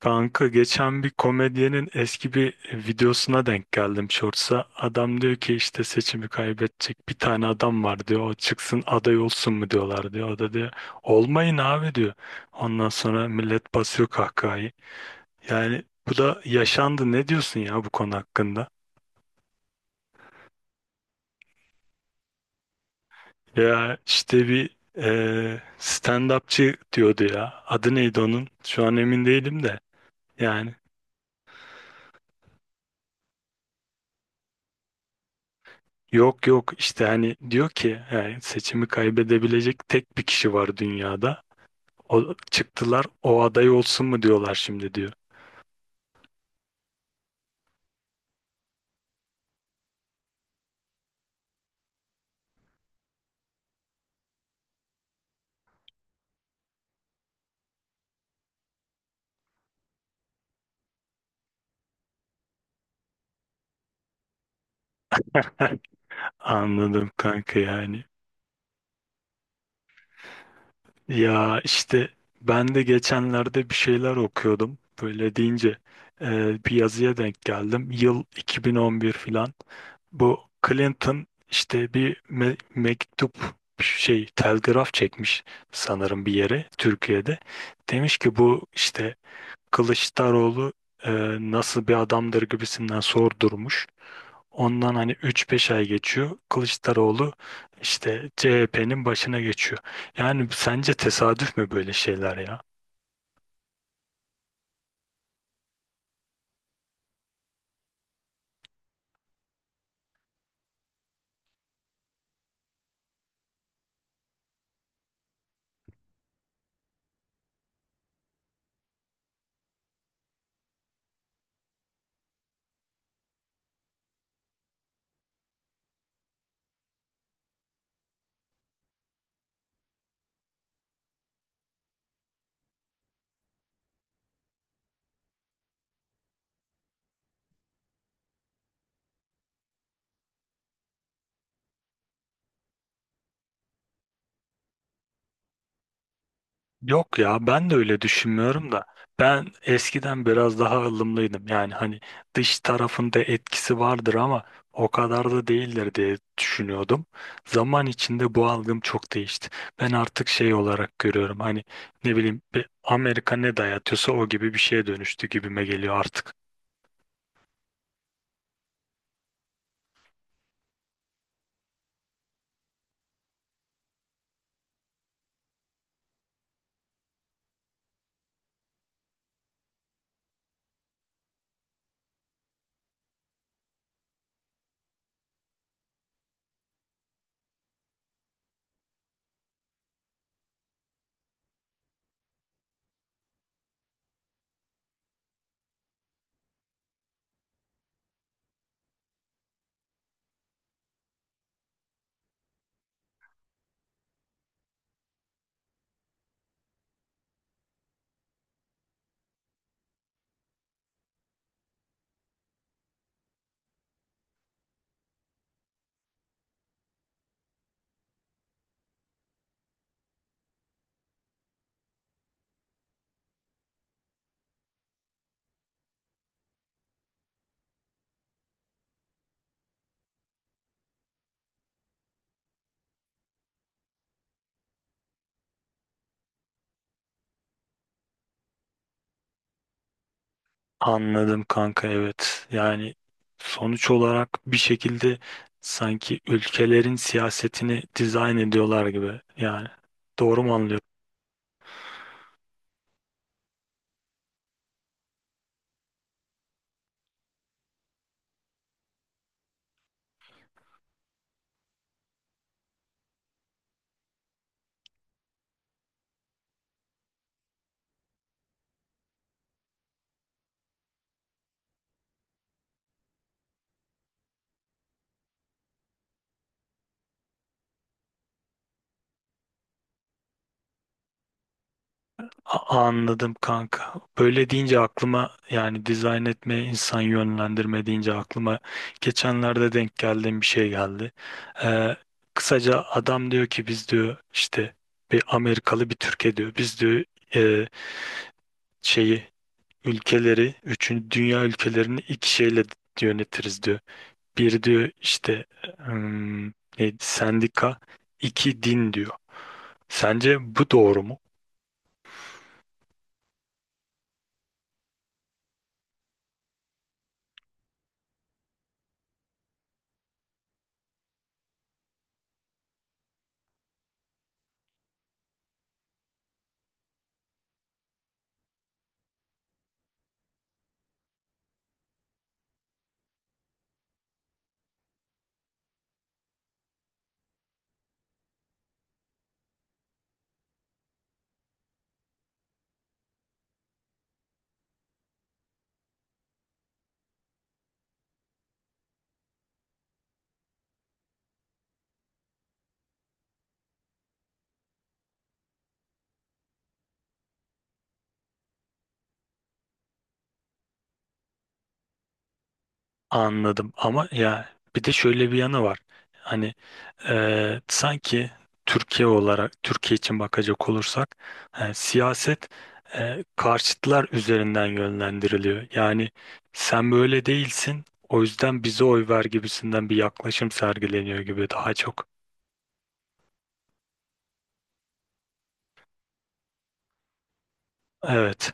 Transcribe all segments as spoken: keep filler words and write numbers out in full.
Kanka geçen bir komedyenin eski bir videosuna denk geldim Shorts'a. Adam diyor ki işte seçimi kaybedecek bir tane adam var diyor. O çıksın aday olsun mu diyorlar diyor. O da diyor olmayın abi diyor. Ondan sonra millet basıyor kahkahayı. Yani bu da yaşandı. Ne diyorsun ya bu konu hakkında? Ya işte bir eee stand-upçı diyordu ya. Adı neydi onun? Şu an emin değilim de. Yani yok yok işte hani diyor ki yani seçimi kaybedebilecek tek bir kişi var dünyada. O çıktılar o aday olsun mu diyorlar şimdi diyor. Anladım kanka yani. Ya işte ben de geçenlerde bir şeyler okuyordum. Böyle deyince e, bir yazıya denk geldim. Yıl iki bin on bir filan. Bu Clinton işte bir me- mektup şey telgraf çekmiş sanırım bir yere Türkiye'de. Demiş ki bu işte Kılıçdaroğlu e, nasıl bir adamdır gibisinden sordurmuş. Ondan hani üç beş ay geçiyor. Kılıçdaroğlu işte C H P'nin başına geçiyor. Yani sence tesadüf mü böyle şeyler ya? Yok ya ben de öyle düşünmüyorum da ben eskiden biraz daha ılımlıydım, yani hani dış tarafında etkisi vardır ama o kadar da değildir diye düşünüyordum. Zaman içinde bu algım çok değişti. Ben artık şey olarak görüyorum, hani ne bileyim bir Amerika ne dayatıyorsa o gibi bir şeye dönüştü gibime geliyor artık. Anladım kanka, evet. Yani sonuç olarak bir şekilde sanki ülkelerin siyasetini dizayn ediyorlar gibi. Yani doğru mu anlıyorum? A- Anladım kanka. Böyle deyince aklıma, yani dizayn etme, insan yönlendirme deyince aklıma geçenlerde denk geldiğim bir şey geldi. Ee, kısaca adam diyor ki biz diyor işte bir Amerikalı bir Türkiye diyor. Biz diyor e, şeyi ülkeleri, üçüncü dünya ülkelerini iki şeyle yönetiriz diyor. Bir diyor işte, hmm, neydi, sendika, iki din diyor. Sence bu doğru mu? Anladım ama ya bir de şöyle bir yanı var. Hani eee, sanki Türkiye olarak Türkiye için bakacak olursak e, siyaset e, karşıtlar üzerinden yönlendiriliyor. Yani sen böyle değilsin, o yüzden bize oy ver gibisinden bir yaklaşım sergileniyor gibi daha çok. Evet,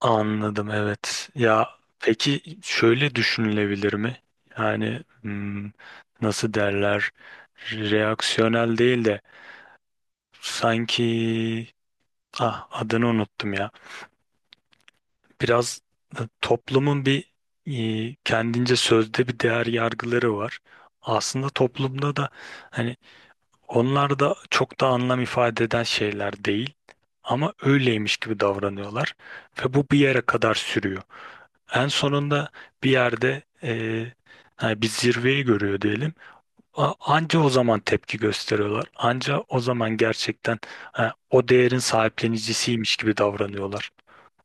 anladım, evet. Ya peki şöyle düşünülebilir mi? Yani hmm, nasıl derler, reaksiyonel değil de sanki, ah adını unuttum ya. Biraz e, toplumun bir e, kendince sözde bir değer yargıları var. Aslında toplumda da hani onlar da çok da anlam ifade eden şeyler değil ama öyleymiş gibi davranıyorlar ve bu bir yere kadar sürüyor. En sonunda bir yerde e, hani bir zirveyi görüyor diyelim. A- Anca o zaman tepki gösteriyorlar. Anca o zaman gerçekten ha, o değerin sahiplenicisiymiş gibi davranıyorlar.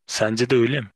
Sence de öyle mi?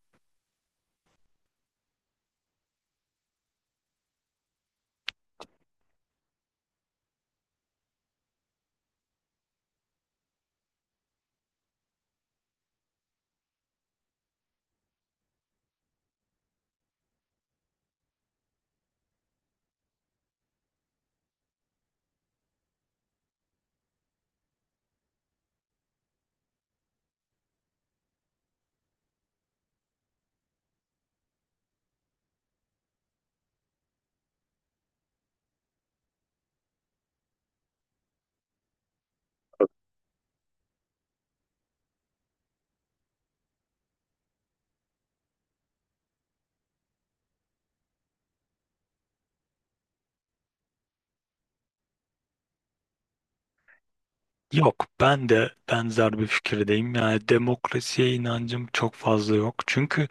Yok, ben de benzer bir fikirdeyim. Yani demokrasiye inancım çok fazla yok. Çünkü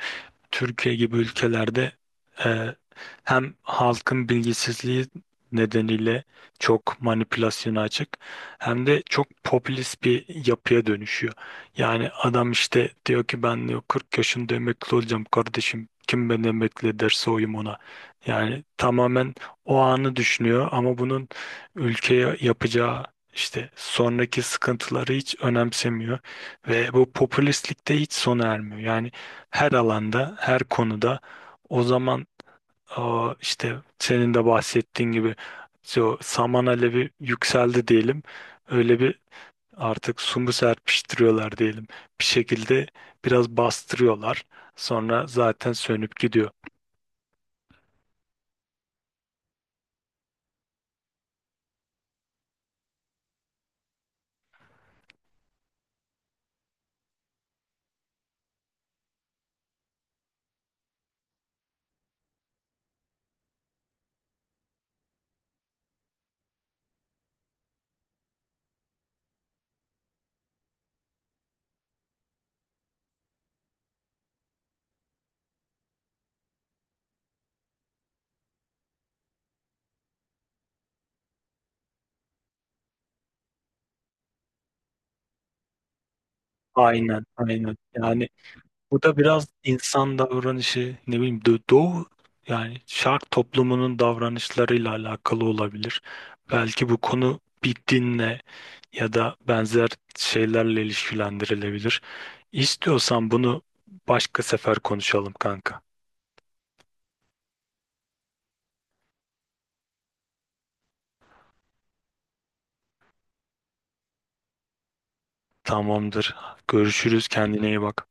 Türkiye gibi ülkelerde e, hem halkın bilgisizliği nedeniyle çok manipülasyona açık, hem de çok popülist bir yapıya dönüşüyor. Yani adam işte diyor ki ben diyor kırk yaşında emekli olacağım kardeşim. Kim beni emekli ederse oyum ona. Yani tamamen o anı düşünüyor ama bunun ülkeye yapacağı işte sonraki sıkıntıları hiç önemsemiyor ve bu popülistlikte hiç sona ermiyor. Yani her alanda, her konuda, o zaman, aa, işte senin de bahsettiğin gibi, so, saman alevi yükseldi diyelim. Öyle bir artık sumu serpiştiriyorlar diyelim. Bir şekilde biraz bastırıyorlar. Sonra zaten sönüp gidiyor. Aynen, aynen. Yani bu da biraz insan davranışı, ne bileyim, dö- doğu yani şark toplumunun davranışlarıyla alakalı olabilir. Belki bu konu bir dinle ya da benzer şeylerle ilişkilendirilebilir. İstiyorsan bunu başka sefer konuşalım kanka. Tamamdır. Görüşürüz. Kendine iyi bak.